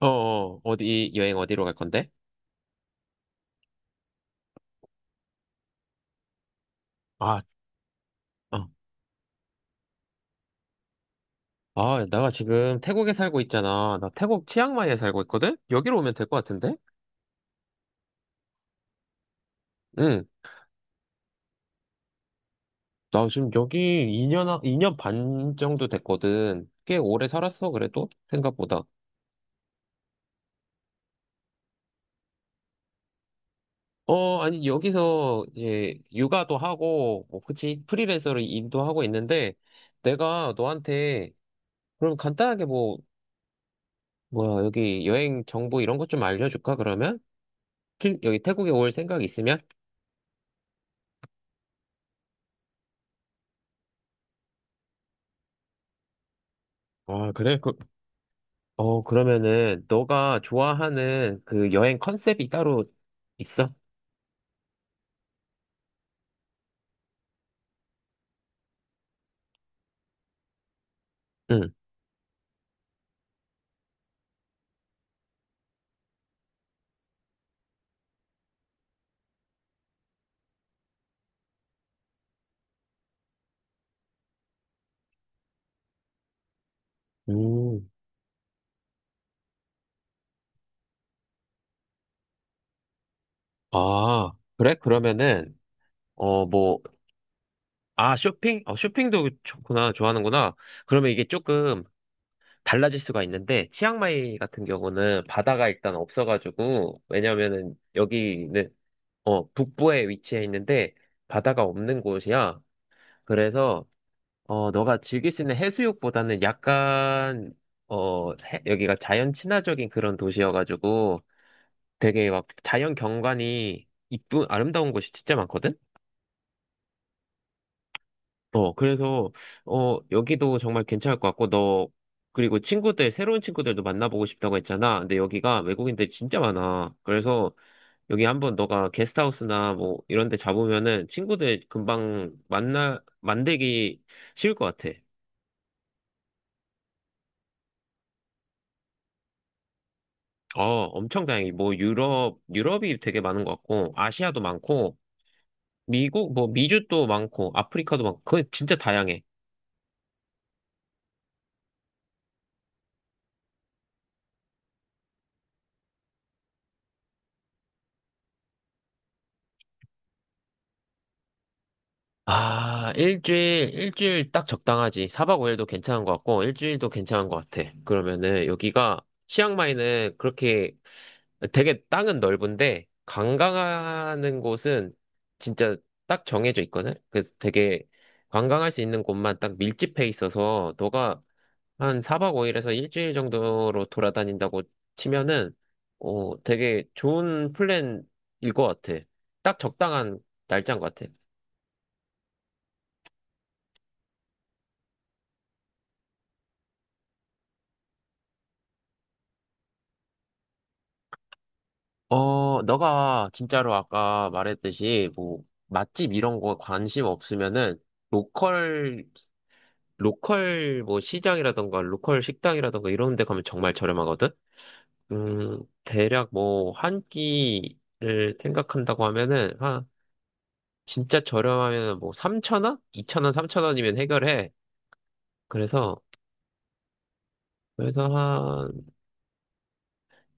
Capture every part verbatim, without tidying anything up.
어, 어, 어디, 여행 어디로 갈 건데? 아, 어. 아, 내가 지금 태국에 살고 있잖아. 나 태국 치앙마이에 살고 있거든? 여기로 오면 될 것 같은데? 응. 나 지금 여기 이 년, 이 년 반 정도 됐거든. 꽤 오래 살았어, 그래도? 생각보다. 어, 아니, 여기서 이제 육아도 하고, 뭐, 그치, 프리랜서로 일도 하고 있는데, 내가 너한테, 그럼 간단하게 뭐, 뭐야, 여기 여행 정보 이런 것 좀 알려줄까, 그러면? 피- 여기 태국에 올 생각 있으면? 아, 그래? 어, 그러면은, 너가 좋아하는 그 여행 컨셉이 따로 있어? 응. 음. 아, 그래? 그러면은, 어, 뭐, 아, 쇼핑? 어, 쇼핑도 좋구나, 좋아하는구나. 그러면 이게 조금 달라질 수가 있는데, 치앙마이 같은 경우는 바다가 일단 없어가지고, 왜냐면은 여기는, 어, 북부에 위치해 있는데, 바다가 없는 곳이야. 그래서, 어, 너가 즐길 수 있는 해수욕보다는 약간, 어, 해- 여기가 자연 친화적인 그런 도시여가지고 되게 막 자연 경관이 이쁜, 아름다운 곳이 진짜 많거든? 어, 그래서, 어, 여기도 정말 괜찮을 것 같고, 너, 그리고 친구들, 새로운 친구들도 만나보고 싶다고 했잖아. 근데 여기가 외국인들이 진짜 많아. 그래서 여기 한번 너가 게스트하우스나 뭐 이런 데 잡으면은 친구들 금방 만나, 만들기 쉬울 것 같아. 어, 엄청 다양해. 뭐 유럽, 유럽이 되게 많은 것 같고, 아시아도 많고, 미국, 뭐 미주도 많고, 아프리카도 많고, 그거 진짜 다양해. 아, 일주일, 일주일 딱 적당하지. 사박오일도 괜찮은 것 같고, 일주일도 괜찮은 것 같아. 그러면은 여기가, 치앙마이는 그렇게 되게 땅은 넓은데, 관광하는 곳은 진짜 딱 정해져 있거든? 그래서 되게 관광할 수 있는 곳만 딱 밀집해 있어서, 너가 한 사 박 오 일에서 일주일 정도로 돌아다닌다고 치면은, 어, 되게 좋은 플랜일 것 같아. 딱 적당한 날짜인 것 같아. 어, 너가 진짜로 아까 말했듯이, 뭐, 맛집 이런 거 관심 없으면은, 로컬, 로컬 뭐 시장이라던가, 로컬 식당이라던가 이런 데 가면 정말 저렴하거든? 음, 대략 뭐, 한 끼를 생각한다고 하면은, 진짜 저렴하면 뭐삼천 원이천 원삼천 원이면 해결해. 그래서, 그래서 한,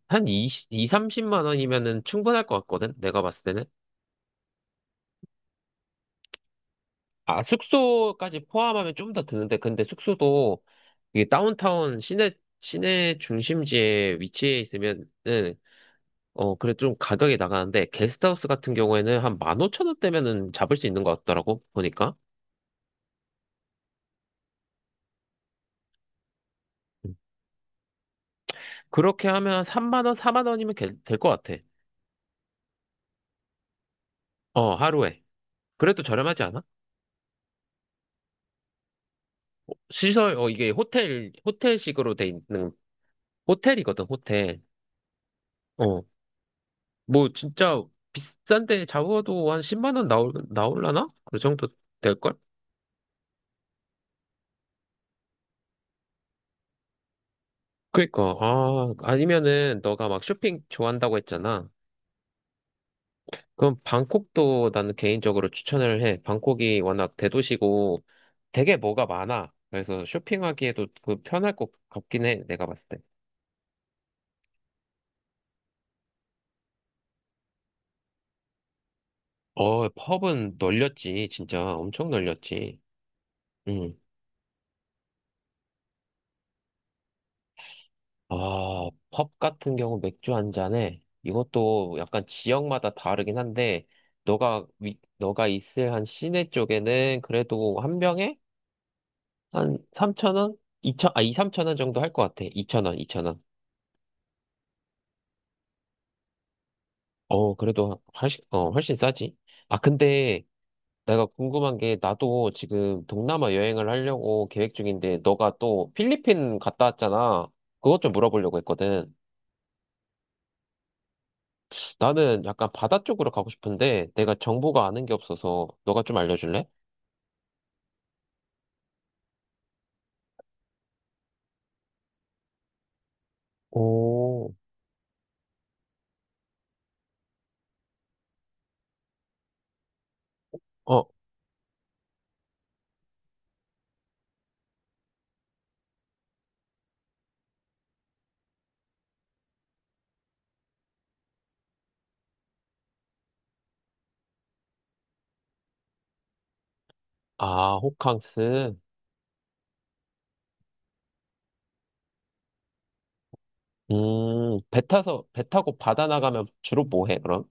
한2이 이, 삼십만 원이면은 충분할 것 같거든? 내가 봤을 때는. 아, 숙소까지 포함하면 좀 더 드는데, 근데 숙소도 이게 다운타운 시내, 시내 중심지에 위치해 있으면은, 어, 그래 좀 가격이 나가는데, 게스트하우스 같은 경우에는 한 만 오천 원대면은 잡을 수 있는 것 같더라고, 보니까. 음. 그렇게 하면 삼만 원, 사만 원이면 될 것 같아. 어, 하루에. 그래도 저렴하지 않아? 시설, 어, 이게 호텔, 호텔식으로 돼 있는, 호텔이거든, 호텔. 어, 뭐, 진짜, 비싼데 잡아도 한 십만 원 나올, 나올라나? 그 정도 될걸? 그니까, 아, 아니면은, 너가 막 쇼핑 좋아한다고 했잖아. 그럼 방콕도 나는 개인적으로 추천을 해. 방콕이 워낙 대도시고 되게 뭐가 많아. 그래서 쇼핑하기에도 그 편할 것 같긴 해, 내가 봤을 때. 어, 펍은 널렸지, 진짜. 엄청 널렸지. 응. 아, 펍 같은 경우 맥주 한 잔에 이것도 약간 지역마다 다르긴 한데 너가 위, 너가 있을 한 시내 쪽에는 그래도 한 병에 한 삼천 원? 이천 아, 이 삼천 원 정도 할 것 같아. 이천 원, 이천 원. 어, 그래도 훨씬 어, 훨씬 싸지. 아, 근데 내가 궁금한 게 나도 지금 동남아 여행을 하려고 계획 중인데 너가 또 필리핀 갔다 왔잖아. 그것 좀 물어보려고 했거든. 나는 약간 바다 쪽으로 가고 싶은데 내가 정보가 아는 게 없어서 너가 좀 알려줄래? 오, 어, 아, 호캉스. 음, 배 타서, 배 타고 바다 나가면 주로 뭐 해, 그럼?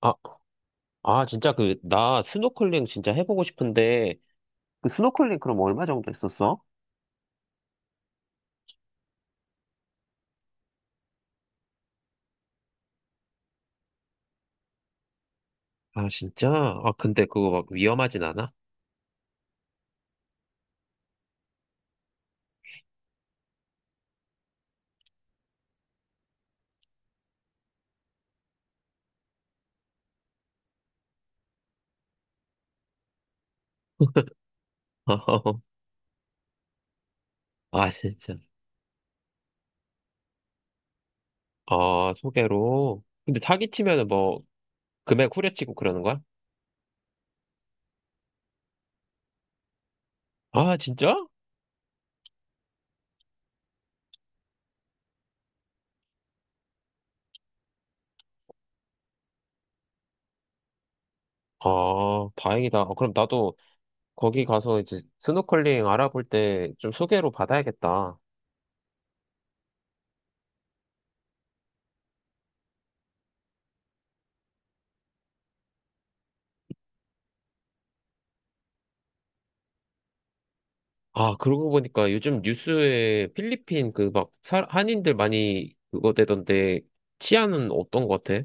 아, 아, 진짜 그, 나 스노클링 진짜 해보고 싶은데 그 스노클링 그럼 얼마 정도 했었어? 아, 진짜? 아, 근데 그거 막 위험하진 않아? 아, 진짜. 아, 소개로. 근데 사기 치면은 뭐 금액 후려치고 그러는 거야? 아, 진짜? 아, 다행이다. 어, 그럼 나도 거기 가서 이제 스노클링 알아볼 때 좀 소개로 받아야겠다. 아, 그러고 보니까 요즘 뉴스에 필리핀 그 막 한인들 많이 그거 되던데 치안은 어떤 것 같아?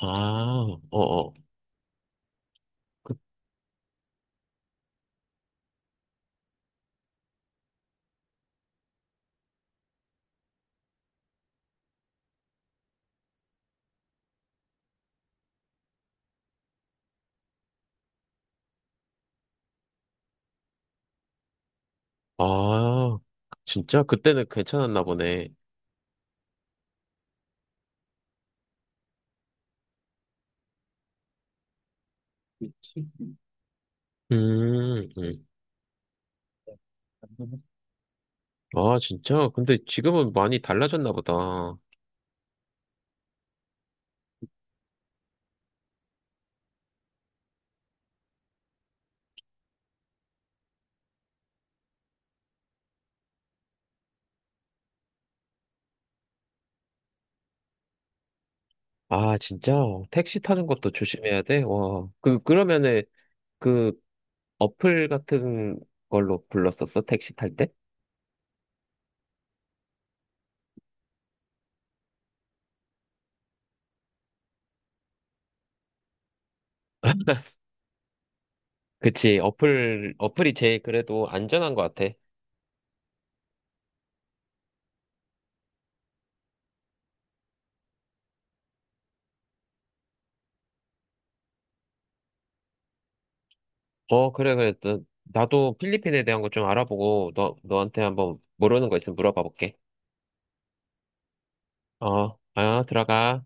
아, 어어. 아, 진짜? 그때는 괜찮았나 보네. 그치. 음, 음. 아, 진짜? 근데 지금은 많이 달라졌나 보다. 아, 진짜? 택시 타는 것도 조심해야 돼? 와. 그, 그러면은, 그, 어플 같은 걸로 불렀었어? 택시 탈 때? 그치, 어플, 어플이 제일 그래도 안전한 것 같아. 어, 그래, 그래. 너- 나도 필리핀에 대한 거 좀 알아보고, 너, 너한테 한번 모르는 거 있으면 물어봐 볼게. 어, 아, 들어가.